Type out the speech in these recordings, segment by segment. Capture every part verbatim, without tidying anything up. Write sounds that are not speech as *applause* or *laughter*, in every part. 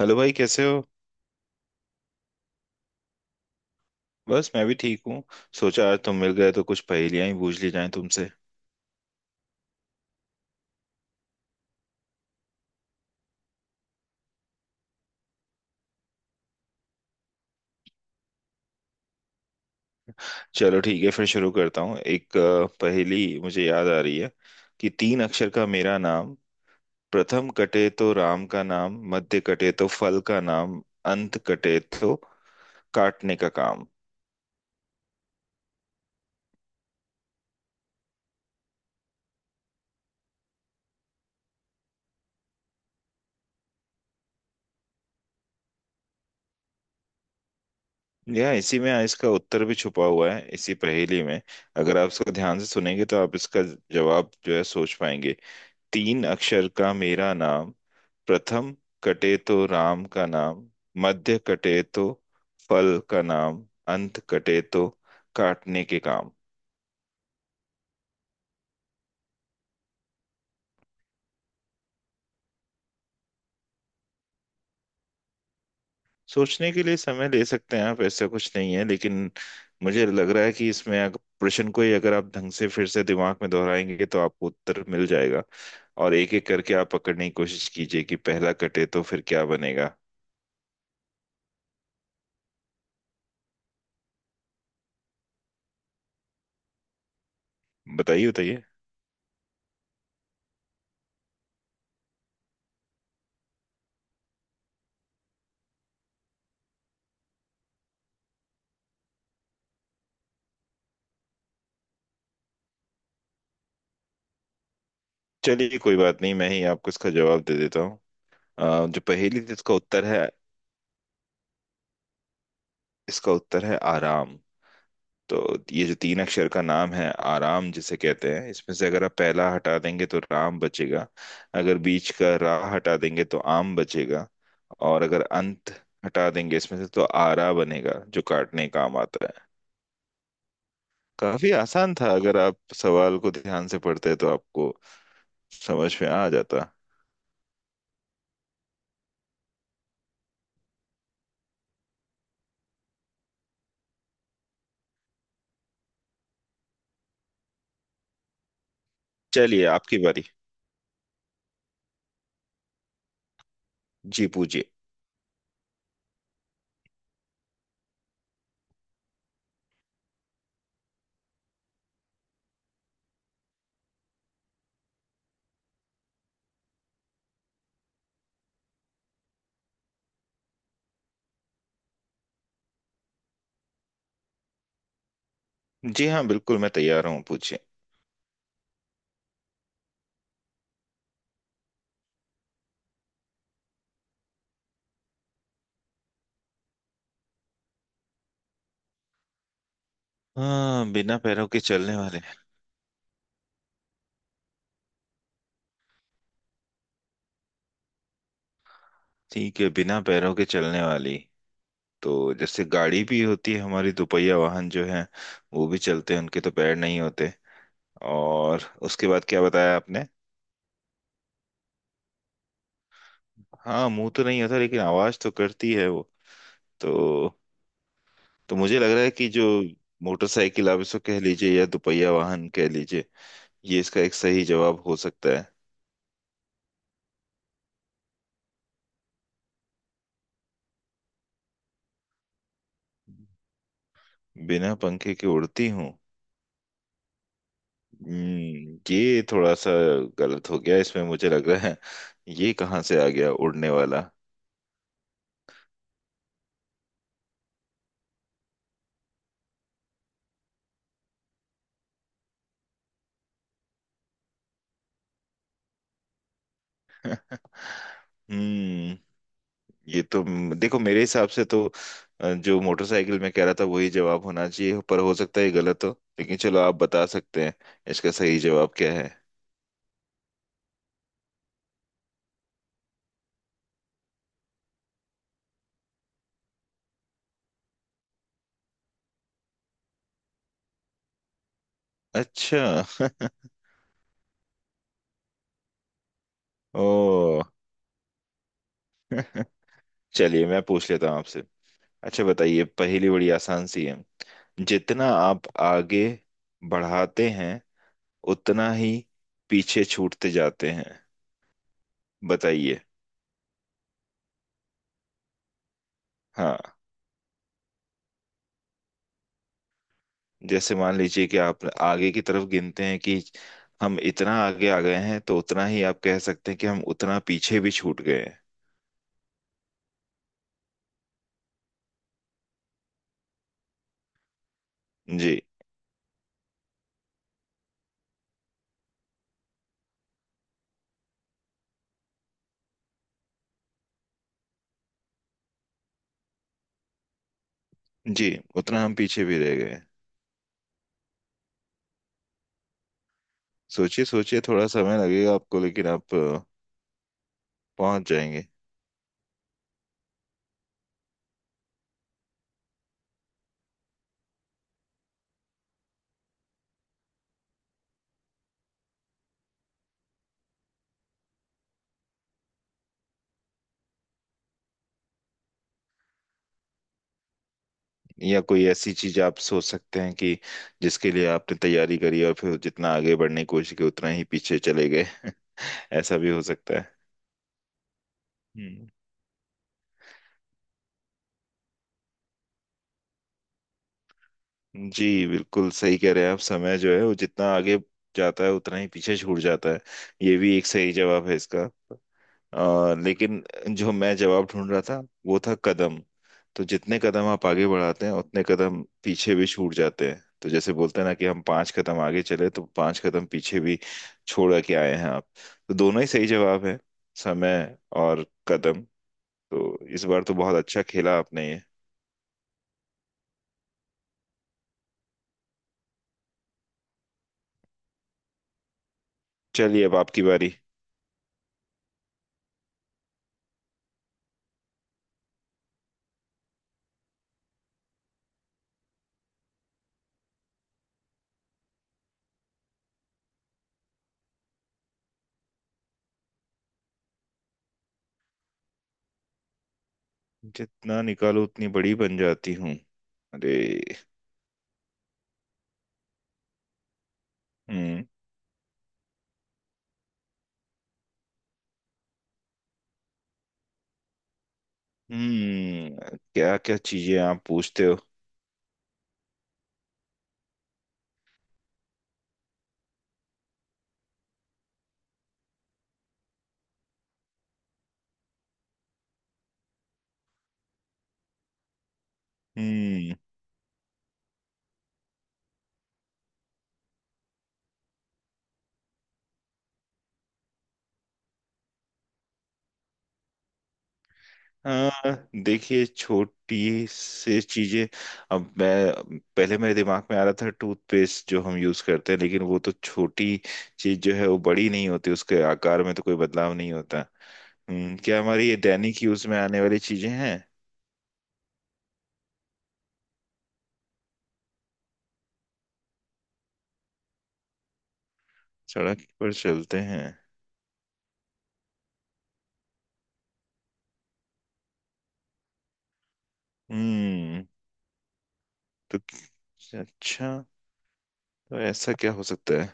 Hello भाई कैसे हो। बस मैं भी ठीक हूँ। सोचा आज तुम मिल गए तो कुछ पहेलियां ही पूछ ली जाएं तुमसे। चलो ठीक है फिर शुरू करता हूँ। एक अ, पहेली मुझे याद आ रही है कि तीन अक्षर का मेरा नाम, प्रथम कटे तो राम का नाम, मध्य कटे तो फल का नाम, अंत कटे तो काटने का काम। यह इसी में इसका उत्तर भी छुपा हुआ है, इसी पहेली में। अगर आप इसको ध्यान से सुनेंगे तो आप इसका जवाब जो है सोच पाएंगे। तीन अक्षर का मेरा नाम, प्रथम कटे तो राम का नाम, मध्य कटे तो फल का नाम, अंत कटे तो काटने के काम। सोचने के लिए समय ले सकते हैं आप, ऐसा कुछ नहीं है, लेकिन मुझे लग रहा है कि इसमें अगर प्रश्न को ही अगर आप ढंग से फिर से दिमाग में दोहराएंगे तो आपको उत्तर मिल जाएगा। और एक एक करके आप पकड़ने की कोशिश कीजिए कि पहला कटे तो फिर क्या बनेगा। बताइए बताइए। चलिए कोई बात नहीं, मैं ही आपको इसका जवाब दे देता हूँ। अ, जो पहेली थी इसका उत्तर है, इसका उत्तर है आराम। तो ये जो तीन अक्षर का नाम है आराम जिसे कहते हैं, इसमें से अगर आप पहला हटा देंगे तो राम बचेगा। अगर बीच का रा हटा देंगे तो आम बचेगा। और अगर अंत हटा देंगे इसमें से तो आरा बनेगा जो काटने का काम आता है। काफी आसान था, अगर आप सवाल को ध्यान से पढ़ते तो आपको समझ में आ जाता। चलिए आपकी बारी। जी पूछिए। जी हाँ, बिल्कुल मैं तैयार हूँ, पूछिए। हाँ, बिना पैरों के चलने वाले। ठीक है, बिना पैरों के चलने वाली तो जैसे गाड़ी भी होती है, हमारी दोपहिया वाहन जो है वो भी चलते हैं, उनके तो पैर नहीं होते। और उसके बाद क्या बताया आपने। हाँ, मुंह तो नहीं होता लेकिन आवाज तो करती है वो। तो तो मुझे लग रहा है कि जो मोटरसाइकिल, आप इसको कह लीजिए या दोपहिया वाहन कह लीजिए, ये इसका एक सही जवाब हो सकता है। बिना पंखे के उड़ती हूँ? हम्म, ये थोड़ा सा गलत हो गया इसमें, मुझे लग रहा है। ये कहाँ से आ गया उड़ने वाला। *laughs* हम्म, ये तो, देखो मेरे हिसाब से तो अ, जो मोटरसाइकिल में कह रहा था वही जवाब होना चाहिए, पर हो सकता है ये गलत हो। लेकिन चलो, आप बता सकते हैं इसका सही जवाब क्या है। अच्छा। *laughs* ओ। *laughs* चलिए मैं पूछ लेता हूँ आपसे। अच्छा बताइए, पहेली बड़ी आसान सी है। जितना आप आगे बढ़ाते हैं उतना ही पीछे छूटते जाते हैं। बताइए। हाँ। जैसे मान लीजिए कि आप आगे की तरफ गिनते हैं कि हम इतना आगे आ गए हैं, तो उतना ही आप कह सकते हैं कि हम उतना पीछे भी छूट गए हैं। जी। जी, उतना हम पीछे भी रह गए हैं। सोचिए सोचिए, थोड़ा समय लगेगा आपको, लेकिन आप अ, पहुंच जाएंगे। या कोई ऐसी चीज आप सोच सकते हैं कि जिसके लिए आपने तैयारी करी और फिर जितना आगे बढ़ने की कोशिश की उतना ही पीछे चले गए। *laughs* ऐसा भी हो सकता है। जी बिल्कुल सही कह रहे हैं आप, समय जो है वो जितना आगे जाता है उतना ही पीछे छूट जाता है। ये भी एक सही जवाब है इसका। आ, लेकिन जो मैं जवाब ढूंढ रहा था वो था कदम। तो जितने कदम आप आगे बढ़ाते हैं उतने कदम पीछे भी छूट जाते हैं। तो जैसे बोलते हैं ना कि हम पांच कदम आगे चले तो पांच कदम पीछे भी छोड़ के आए हैं आप। तो दोनों ही सही जवाब है, समय और कदम। तो इस बार तो बहुत अच्छा खेला आपने ये। चलिए अब आपकी बारी। जितना निकालो उतनी बड़ी बन जाती हूँ? अरे। हम्म। हम्म, क्या क्या चीजें आप पूछते हो। हम्म। हाँ, देखिए छोटी से चीजें, अब मैं पहले, मेरे दिमाग में आ रहा था टूथपेस्ट जो हम यूज करते हैं, लेकिन वो तो छोटी चीज जो है वो बड़ी नहीं होती, उसके आकार में तो कोई बदलाव नहीं होता। हम्म, क्या हमारी ये दैनिक यूज में आने वाली चीजें हैं? सड़क पर चलते हैं? हम्म, तो अच्छा, तो ऐसा क्या हो सकता है।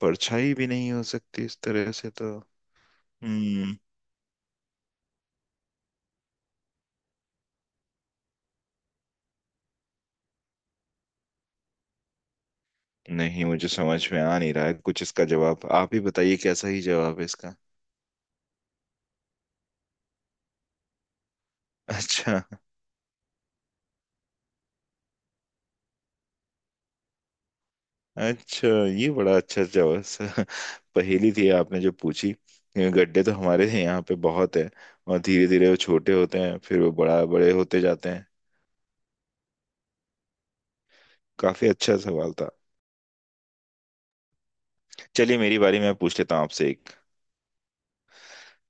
परछाई भी नहीं हो सकती इस तरह से तो। हम्म, नहीं मुझे समझ में आ नहीं रहा है कुछ, इसका जवाब आप ही बताइए कैसा ही जवाब है इसका। अच्छा। अच्छा, ये बड़ा अच्छा जवाब स-, पहेली थी आपने जो पूछी। ये गड्ढे तो हमारे यहाँ पे बहुत है। और धीरे धीरे वो छोटे होते हैं फिर वो बड़ा बड़े होते जाते हैं। काफी अच्छा सवाल था। चलिए मेरी बारी, मैं पूछ लेता हूँ आपसे एक।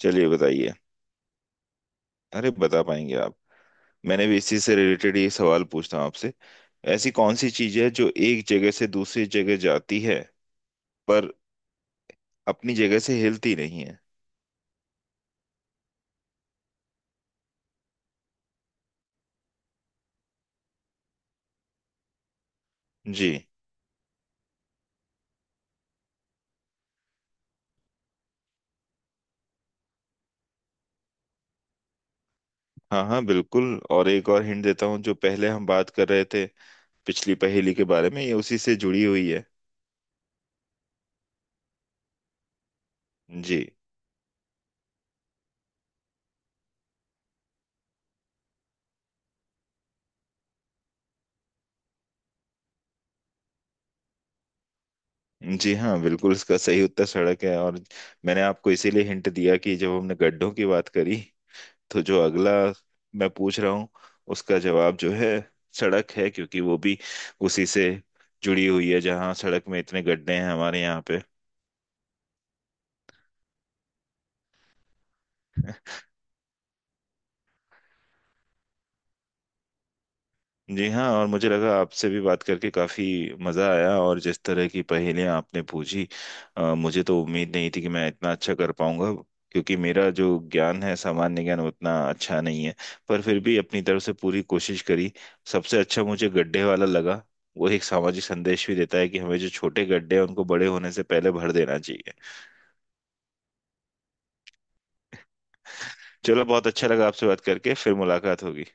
चलिए बताइए। अरे बता पाएंगे आप। मैंने भी इसी से रिलेटेड ये सवाल पूछता हूँ आपसे। ऐसी कौन सी चीज है जो एक जगह से दूसरी जगह जाती है पर अपनी जगह से हिलती नहीं है। जी। हाँ हाँ बिल्कुल, और एक और हिंट देता हूँ, जो पहले हम बात कर रहे थे पिछली पहेली के बारे में, ये उसी से जुड़ी हुई है। जी। जी हाँ, बिल्कुल इसका सही उत्तर सड़क है। और मैंने आपको इसीलिए हिंट दिया कि जब हमने गड्ढों की बात करी तो जो अगला मैं पूछ रहा हूँ उसका जवाब जो है सड़क है, क्योंकि वो भी उसी से जुड़ी हुई है, जहाँ सड़क में इतने गड्ढे हैं हमारे यहाँ पे। जी हाँ, और मुझे लगा आपसे भी बात करके काफ़ी मज़ा आया। और जिस तरह की पहेलियाँ आपने पूछी, अ, मुझे तो उम्मीद नहीं थी कि मैं इतना अच्छा कर पाऊंगा, क्योंकि मेरा जो ज्ञान है, सामान्य ज्ञान उतना अच्छा नहीं है, पर फिर भी अपनी तरफ से पूरी कोशिश करी। सबसे अच्छा मुझे गड्ढे वाला लगा, वो एक सामाजिक संदेश भी देता है कि हमें जो छोटे गड्ढे हैं उनको बड़े होने से पहले भर देना चाहिए। चलो बहुत अच्छा लगा आपसे बात करके, फिर मुलाकात होगी।